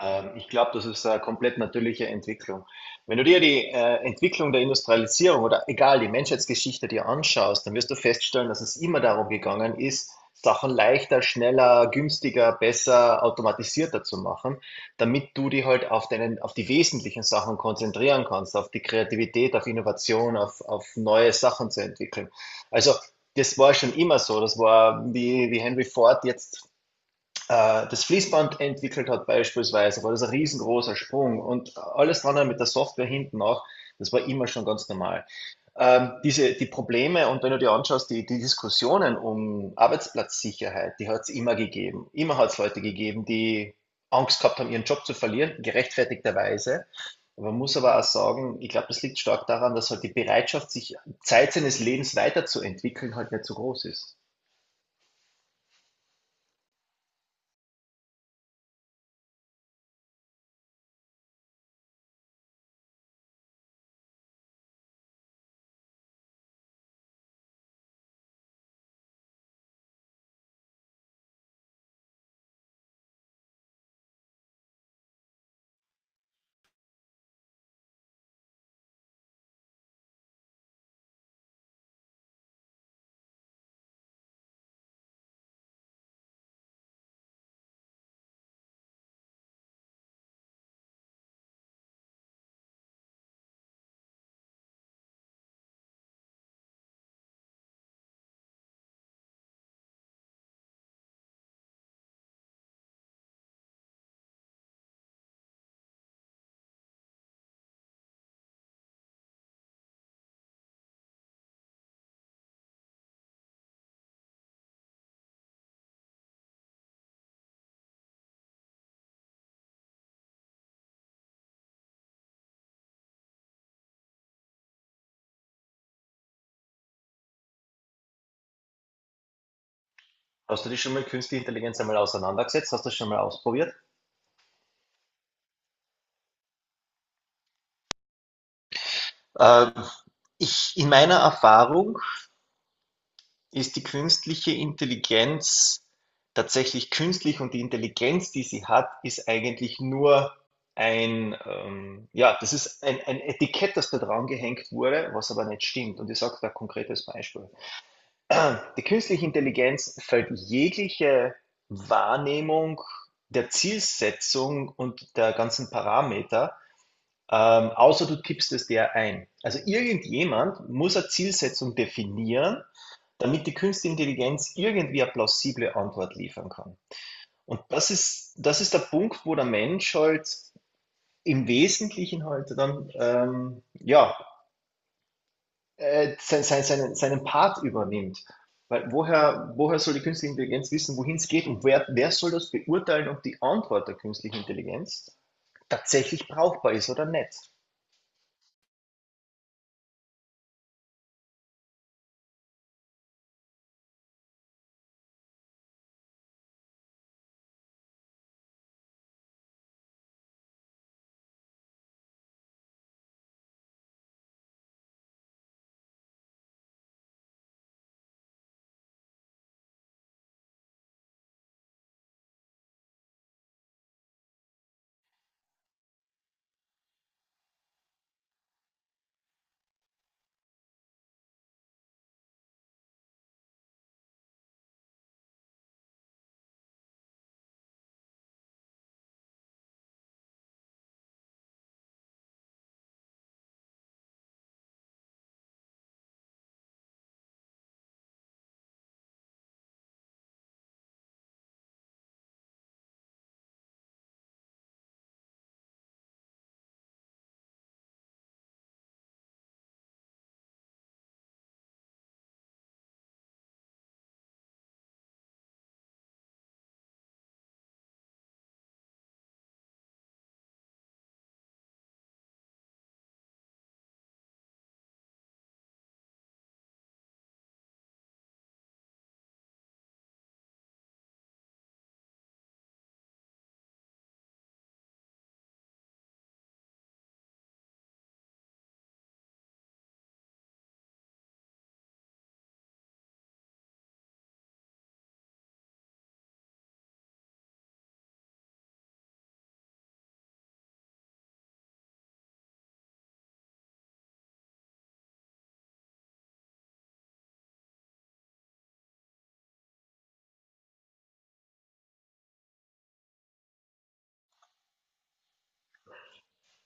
Ich glaube, das ist eine komplett natürliche Entwicklung. Wenn du dir die Entwicklung der Industrialisierung oder egal die Menschheitsgeschichte dir anschaust, dann wirst du feststellen, dass es immer darum gegangen ist, Sachen leichter, schneller, günstiger, besser, automatisierter zu machen, damit du dich halt auf die wesentlichen Sachen konzentrieren kannst, auf die Kreativität, auf Innovation, auf neue Sachen zu entwickeln. Also das war schon immer so. Das war, wie Henry Ford jetzt das Fließband entwickelt hat, beispielsweise war das ein riesengroßer Sprung, und alles dran mit der Software hinten auch, das war immer schon ganz normal. Die Probleme, und wenn du dir anschaust, die Diskussionen um Arbeitsplatzsicherheit, die hat es immer gegeben. Immer hat es Leute gegeben, die Angst gehabt haben, ihren Job zu verlieren, gerechtfertigterweise. Man muss aber auch sagen, ich glaube, das liegt stark daran, dass halt die Bereitschaft, sich Zeit seines Lebens weiterzuentwickeln, halt nicht so groß ist. Hast du dich schon mal mit Künstliche Intelligenz einmal auseinandergesetzt? Hast du das schon mal ausprobiert? Ähm, in meiner Erfahrung ist die künstliche Intelligenz tatsächlich künstlich, und die Intelligenz, die sie hat, ist eigentlich nur ja, das ist ein Etikett, das da dran gehängt wurde, was aber nicht stimmt. Und ich sage da ein konkretes Beispiel. Die künstliche Intelligenz fällt jegliche Wahrnehmung der Zielsetzung und der ganzen Parameter. Außer du tippst es der ein. Also irgendjemand muss eine Zielsetzung definieren, damit die künstliche Intelligenz irgendwie eine plausible Antwort liefern kann. Und das ist der Punkt, wo der Mensch halt im Wesentlichen halt seinen Part übernimmt. Weil woher soll die künstliche Intelligenz wissen, wohin es geht, und wer soll das beurteilen, ob die Antwort der künstlichen Intelligenz tatsächlich brauchbar ist oder nicht?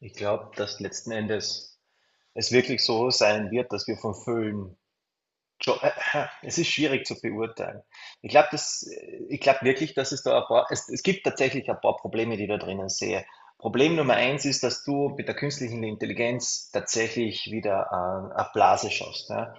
Ich glaube, dass letzten Endes es wirklich so sein wird, dass wir vom Film. Jo- Es ist schwierig zu beurteilen. Ich glaube, ich glaube wirklich, dass es da ein paar, es gibt tatsächlich ein paar Probleme, die ich da drinnen sehe. Problem Nummer eins ist, dass du mit der künstlichen Intelligenz tatsächlich wieder eine Blase schaffst. Ja?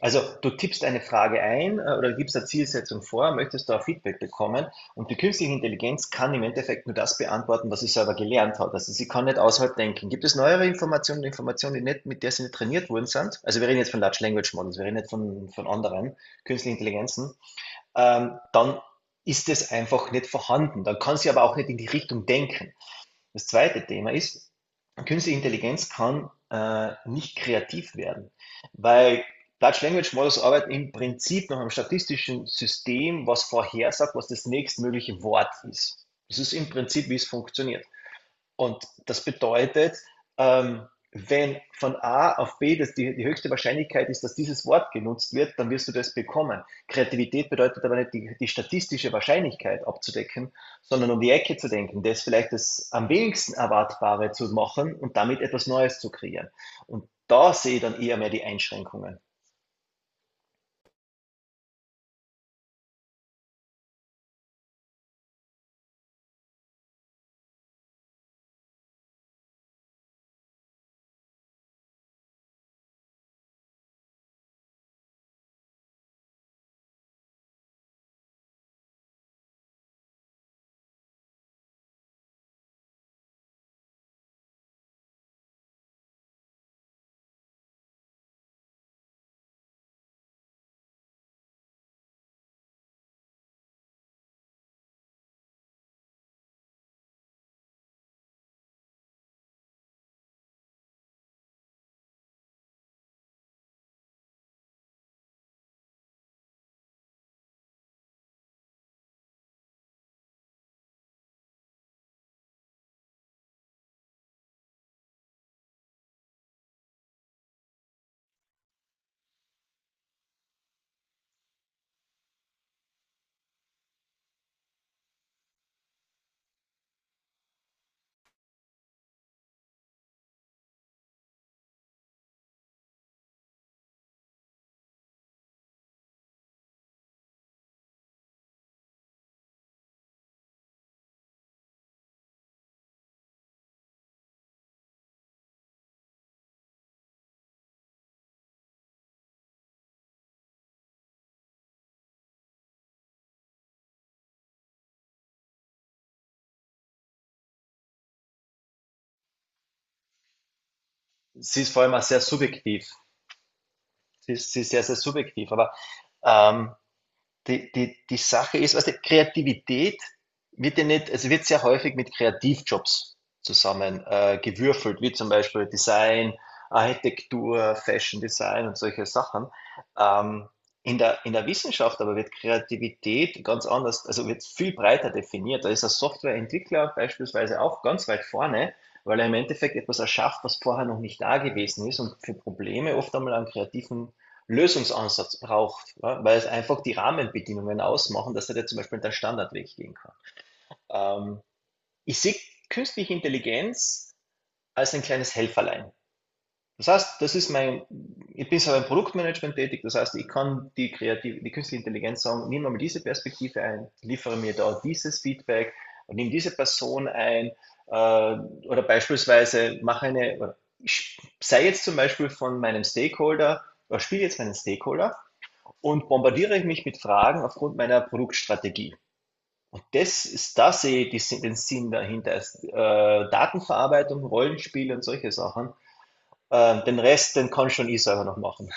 Also du tippst eine Frage ein, oder gibst eine Zielsetzung vor, möchtest da Feedback bekommen. Und die künstliche Intelligenz kann im Endeffekt nur das beantworten, was sie selber gelernt hat. Also sie kann nicht außerhalb denken. Gibt es neuere Informationen, Informationen, die nicht, mit der sie nicht trainiert worden sind? Also wir reden jetzt von Large Language Models, wir reden nicht von anderen künstlichen Intelligenzen. Dann ist es einfach nicht vorhanden. Dann kann sie aber auch nicht in die Richtung denken. Das zweite Thema ist, künstliche Intelligenz kann nicht kreativ werden, weil Large Language Models arbeiten im Prinzip nach einem statistischen System was vorhersagt, was das nächstmögliche Wort ist. Das ist im Prinzip, wie es funktioniert. Und das bedeutet, ähm, wenn von A auf B das die höchste Wahrscheinlichkeit ist, dass dieses Wort genutzt wird, dann wirst du das bekommen. Kreativität bedeutet aber nicht die statistische Wahrscheinlichkeit abzudecken, sondern um die Ecke zu denken, das vielleicht das am wenigsten Erwartbare zu machen und damit etwas Neues zu kreieren. Und da sehe ich dann eher mehr die Einschränkungen. Sie ist vor allem auch sehr subjektiv. Sie ist sehr, sehr subjektiv. Aber ähm, die Sache ist, also Kreativität wird ja nicht, also wird sehr häufig mit Kreativjobs zusammen gewürfelt, wie zum Beispiel Design, Architektur, Fashion Design und solche Sachen. Ähm, in der Wissenschaft aber wird Kreativität ganz anders, also wird viel breiter definiert. Da ist ein Softwareentwickler beispielsweise auch ganz weit vorne, weil er im Endeffekt etwas erschafft, was vorher noch nicht da gewesen ist, und für Probleme oft einmal einen kreativen Lösungsansatz braucht, ja, weil es einfach die Rahmenbedingungen ausmachen, dass er da zum Beispiel den Standardweg gehen kann. Ähm, Ich sehe künstliche Intelligenz als ein kleines Helferlein. Das heißt, das ist mein, ich bin selber im Produktmanagement tätig, das heißt, ich kann die künstliche Intelligenz sagen, nimm mal diese Perspektive ein, liefere mir da dieses Feedback und nimm diese Person ein, äh, oder beispielsweise mache eine, ich sei jetzt zum Beispiel von meinem Stakeholder, oder spiele jetzt meinen Stakeholder und bombardiere mich mit Fragen aufgrund meiner Produktstrategie. Und sehe ich Sin- den Sinn dahinter. Ist, Datenverarbeitung, Rollenspiele und solche Sachen. Den Rest, den kann schon ich selber noch machen.